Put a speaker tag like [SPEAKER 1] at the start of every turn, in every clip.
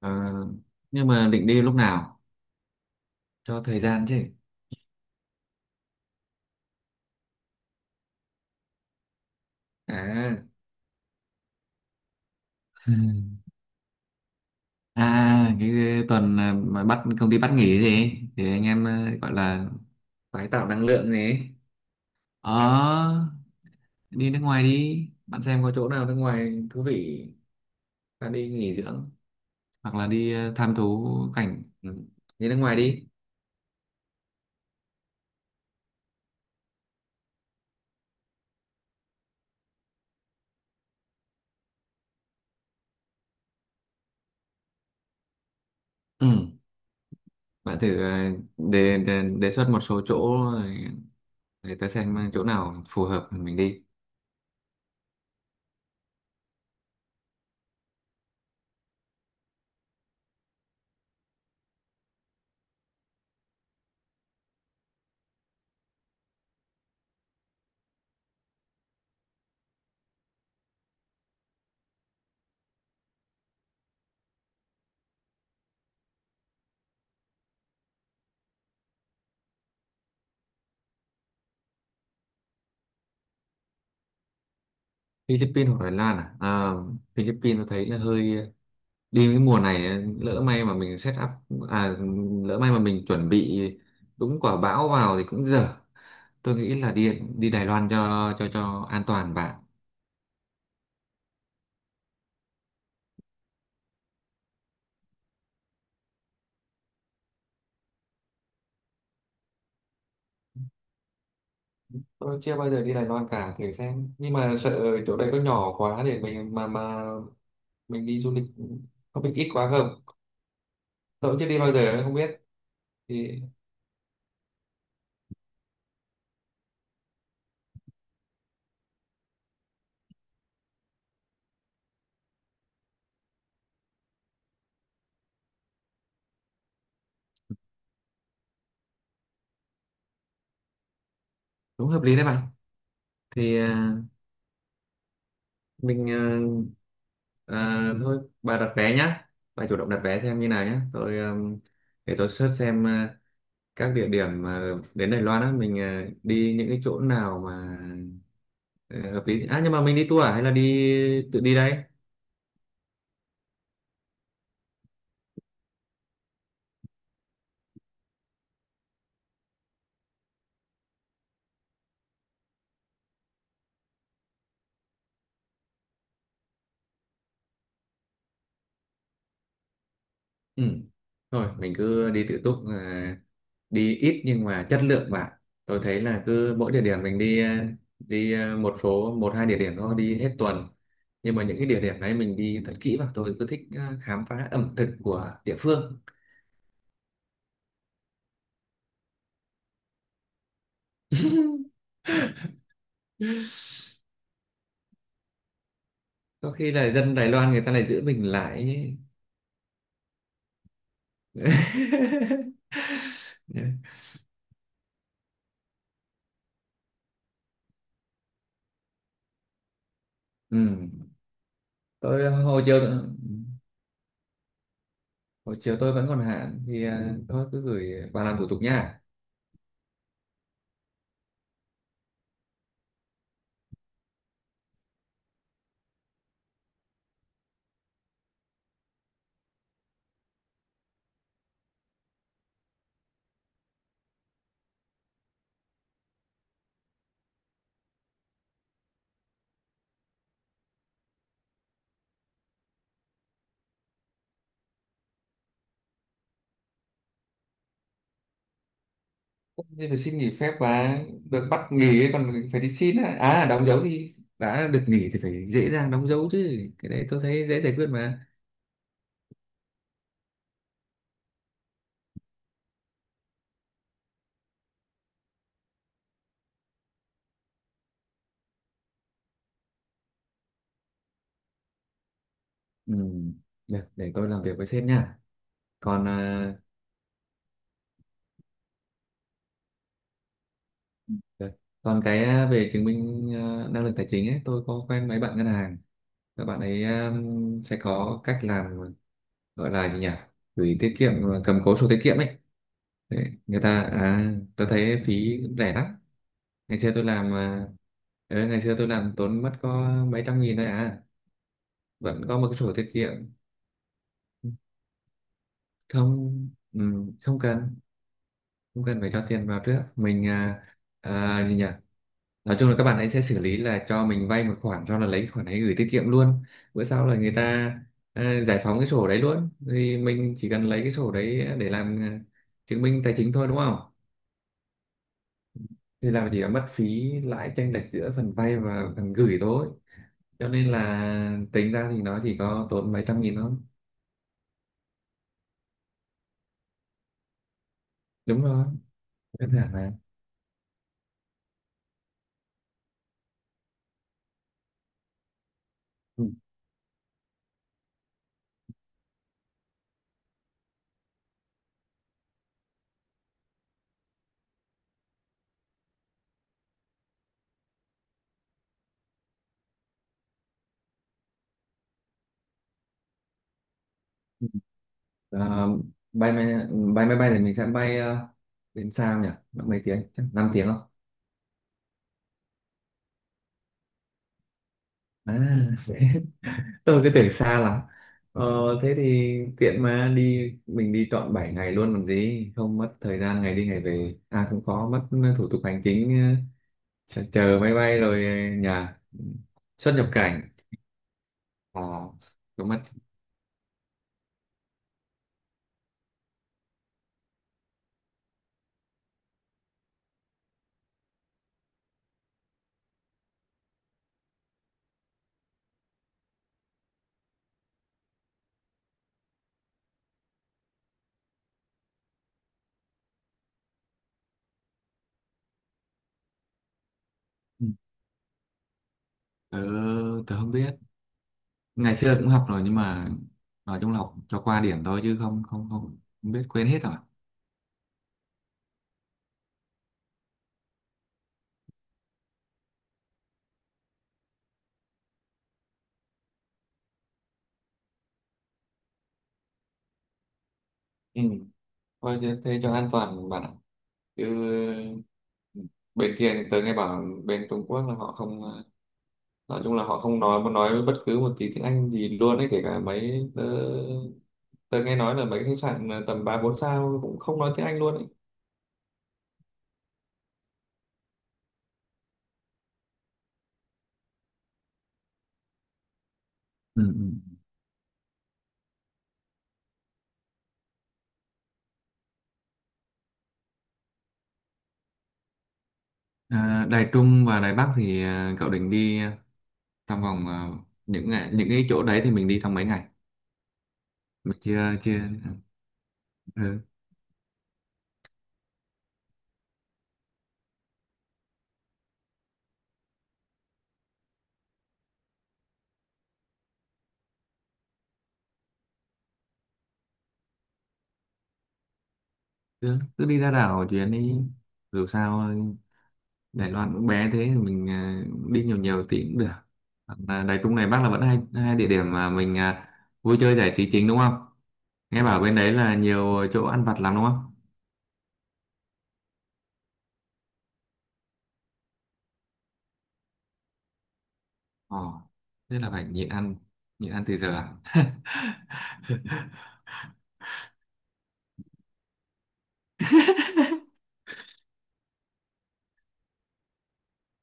[SPEAKER 1] Ờ, nhưng mà định đi lúc nào cho thời gian chứ. À, à cái tuần mà công ty bắt nghỉ gì thì anh em gọi là tái tạo năng lượng gì ấy. Ờ, đi nước ngoài đi, bạn xem có chỗ nào nước ngoài thú vị ta đi nghỉ dưỡng, hoặc là đi tham thú cảnh, ừ. Đi nước ngoài đi. Ừ, bạn thử đề, đề đề xuất một số chỗ rồi để ta xem chỗ nào phù hợp mình đi. Philippines hoặc Thái Lan à? À, Philippines tôi thấy là hơi, đi cái mùa này lỡ may mà mình set up, à lỡ may mà mình chuẩn bị đúng quả bão vào thì cũng dở. Tôi nghĩ là đi đi Đài Loan cho cho an toàn bạn. Tôi chưa bao giờ đi Đài Loan cả, thử xem, nhưng mà sợ chỗ đấy có nhỏ quá để mình mà mình đi du lịch có bị ít quá không, tôi cũng chưa đi bao giờ không biết thì cũng hợp lý đấy bạn. thì à, mình à, À, thôi bà đặt vé nhá, bà chủ động đặt vé xem như nào nhá. Tôi để tôi search xem các địa điểm mà đến Đài Loan á mình đi những cái chỗ nào mà hợp lý. À, nhưng mà mình đi tour à hay là đi tự đi đây? Ừ, thôi mình cứ đi tự túc. Đi ít nhưng mà chất lượng bạn. Tôi thấy là cứ mỗi địa điểm mình đi, đi một số, một hai địa điểm thôi, đi hết tuần, nhưng mà những cái địa điểm đấy mình đi thật kỹ vào. Tôi cứ thích khám phá ẩm thực của địa phương. Có khi là dân Đài Loan người ta lại giữ mình lại ấy. Ừ. Tôi hồi chiều, hồi chiều tôi vẫn còn hạn thì à, thôi cứ gửi bà làm thủ tục nha. Thế phải xin nghỉ phép và được bắt nghỉ ấy, còn phải đi xin á. À, đóng dấu thì đã được nghỉ thì phải dễ dàng đóng dấu chứ, cái đấy tôi thấy dễ giải quyết mà. Ừ, được, để tôi làm việc với sếp nha. Còn à, được. Còn cái à, về chứng minh à, năng lực tài chính ấy, tôi có quen mấy bạn ngân hàng, các bạn ấy sẽ có cách làm, gọi là gì nhỉ, gửi tiết kiệm à, cầm cố sổ tiết kiệm ấy. Đấy, người ta à, tôi thấy phí cũng rẻ lắm. Ngày xưa tôi làm à, ừ, ngày xưa tôi làm tốn mất có mấy trăm nghìn thôi à, vẫn có một cái sổ tiết kiệm. Không, ừ, không cần, không cần phải cho tiền vào trước. Mình à, à, gì nhỉ, nói chung là các bạn ấy sẽ xử lý là cho mình vay một khoản, sau là lấy cái khoản ấy gửi tiết kiệm luôn. Bữa sau là người ta à, giải phóng cái sổ đấy luôn, thì mình chỉ cần lấy cái sổ đấy để làm à, chứng minh tài chính thôi đúng không. Thì làm chỉ là mất phí lãi chênh lệch giữa phần vay và phần gửi thôi, cho nên là tính ra thì nó chỉ có tốn mấy trăm nghìn thôi. Đúng rồi, đơn giản là ừ. Ờ, bay máy bay máy bay thì mình sẽ bay đến sao nhỉ? Mấy tiếng? Chắc 5 tiếng không? À, tôi cứ tưởng xa lắm. Ờ, thế thì tiện mà đi, mình đi trọn 7 ngày luôn còn gì, không mất thời gian ngày đi ngày về. À cũng khó, mất thủ tục hành chính, chờ chờ máy bay rồi nhà, xuất nhập cảnh. Ờ, cũng mất. Ừ. Tớ, tớ không biết. Ngày xưa cũng học rồi nhưng mà nói chung là học cho qua điểm thôi chứ không biết, quên hết rồi. Ừ. Thôi thế, thế cho an toàn bạn ạ. Chứ bên kia thì tớ nghe bảo bên Trung Quốc là họ không, nói chung là họ không nói, muốn nói bất cứ một tí tiếng Anh gì luôn ấy. Kể cả mấy, tớ, tớ nghe nói là mấy khách sạn tầm ba bốn sao cũng không nói tiếng Anh luôn ấy. Ừ. Ừ. À, Đài Trung và Đài Bắc thì à, cậu định đi à, trong vòng à, những ngày, những cái chỗ đấy thì mình đi trong mấy ngày. Mình chưa chưa ừ. Cứ, cứ đi ra đảo chuyến đi, dù sao Đài Loan cũng bé thế, mình à, đi nhiều nhiều tí cũng được. Hoặc là Đài Trung Đài Bắc là vẫn hai hai địa điểm mà mình à, vui chơi giải trí chính đúng không. Nghe bảo bên đấy là nhiều chỗ ăn vặt lắm đúng không. Ồ, thế là phải nhịn ăn, nhịn ăn từ giờ à?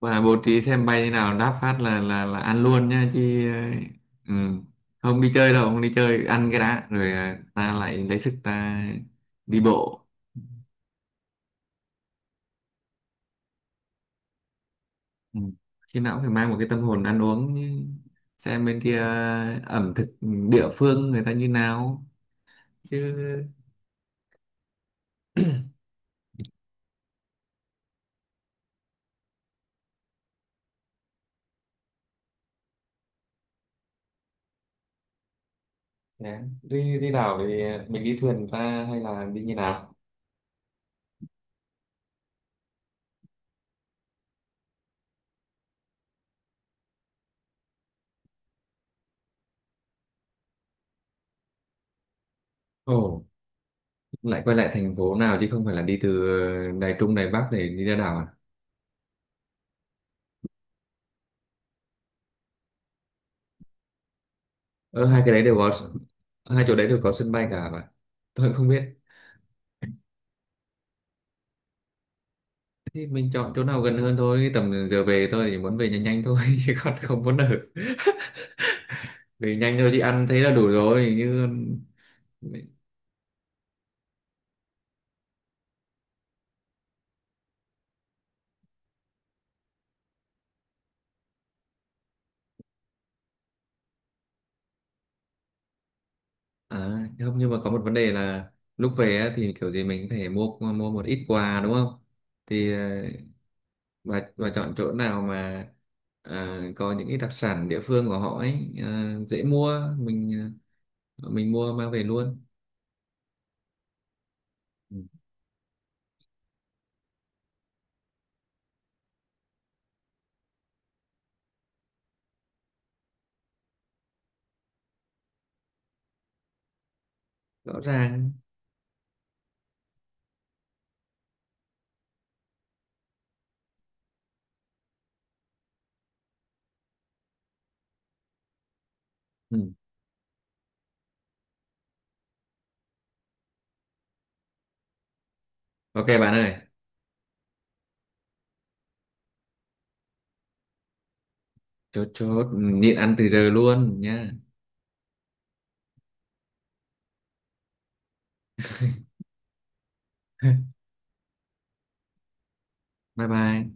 [SPEAKER 1] Và bố trí xem bay như nào, đáp phát là là ăn luôn nha, chứ ừ, không đi chơi đâu, không đi chơi, ăn cái đã rồi à, ta lại lấy sức ta đi bộ. Ừ. Khi nào cũng phải mang một cái tâm hồn ăn uống, xem bên kia ẩm thực địa phương người ta như nào chứ. Dạ, đi đi đảo thì mình đi thuyền ra hay là đi như nào? Ồ, lại quay lại thành phố nào chứ không phải là đi từ Đài Trung Đài Bắc để đi ra đảo à? Ờ, hai cái đấy đều có, hai chỗ đấy đều có sân bay cả mà, tôi cũng không biết. Thì mình chọn chỗ nào gần hơn thôi, tầm giờ về tôi chỉ muốn về nhanh nhanh thôi chứ còn không muốn ở. Về nhanh thôi chứ ăn thấy là đủ rồi như. À, không, nhưng mà có một vấn đề là lúc về á, thì kiểu gì mình cũng phải mua mua một ít quà đúng không? Thì bà chọn chỗ nào mà có những cái đặc sản địa phương của họ ấy, dễ mua, mình mình mua mang về luôn. Ừ, rõ ràng. Ừ. Ok bạn ơi, chốt, chốt nhịn ăn từ giờ luôn nha. Bye bye.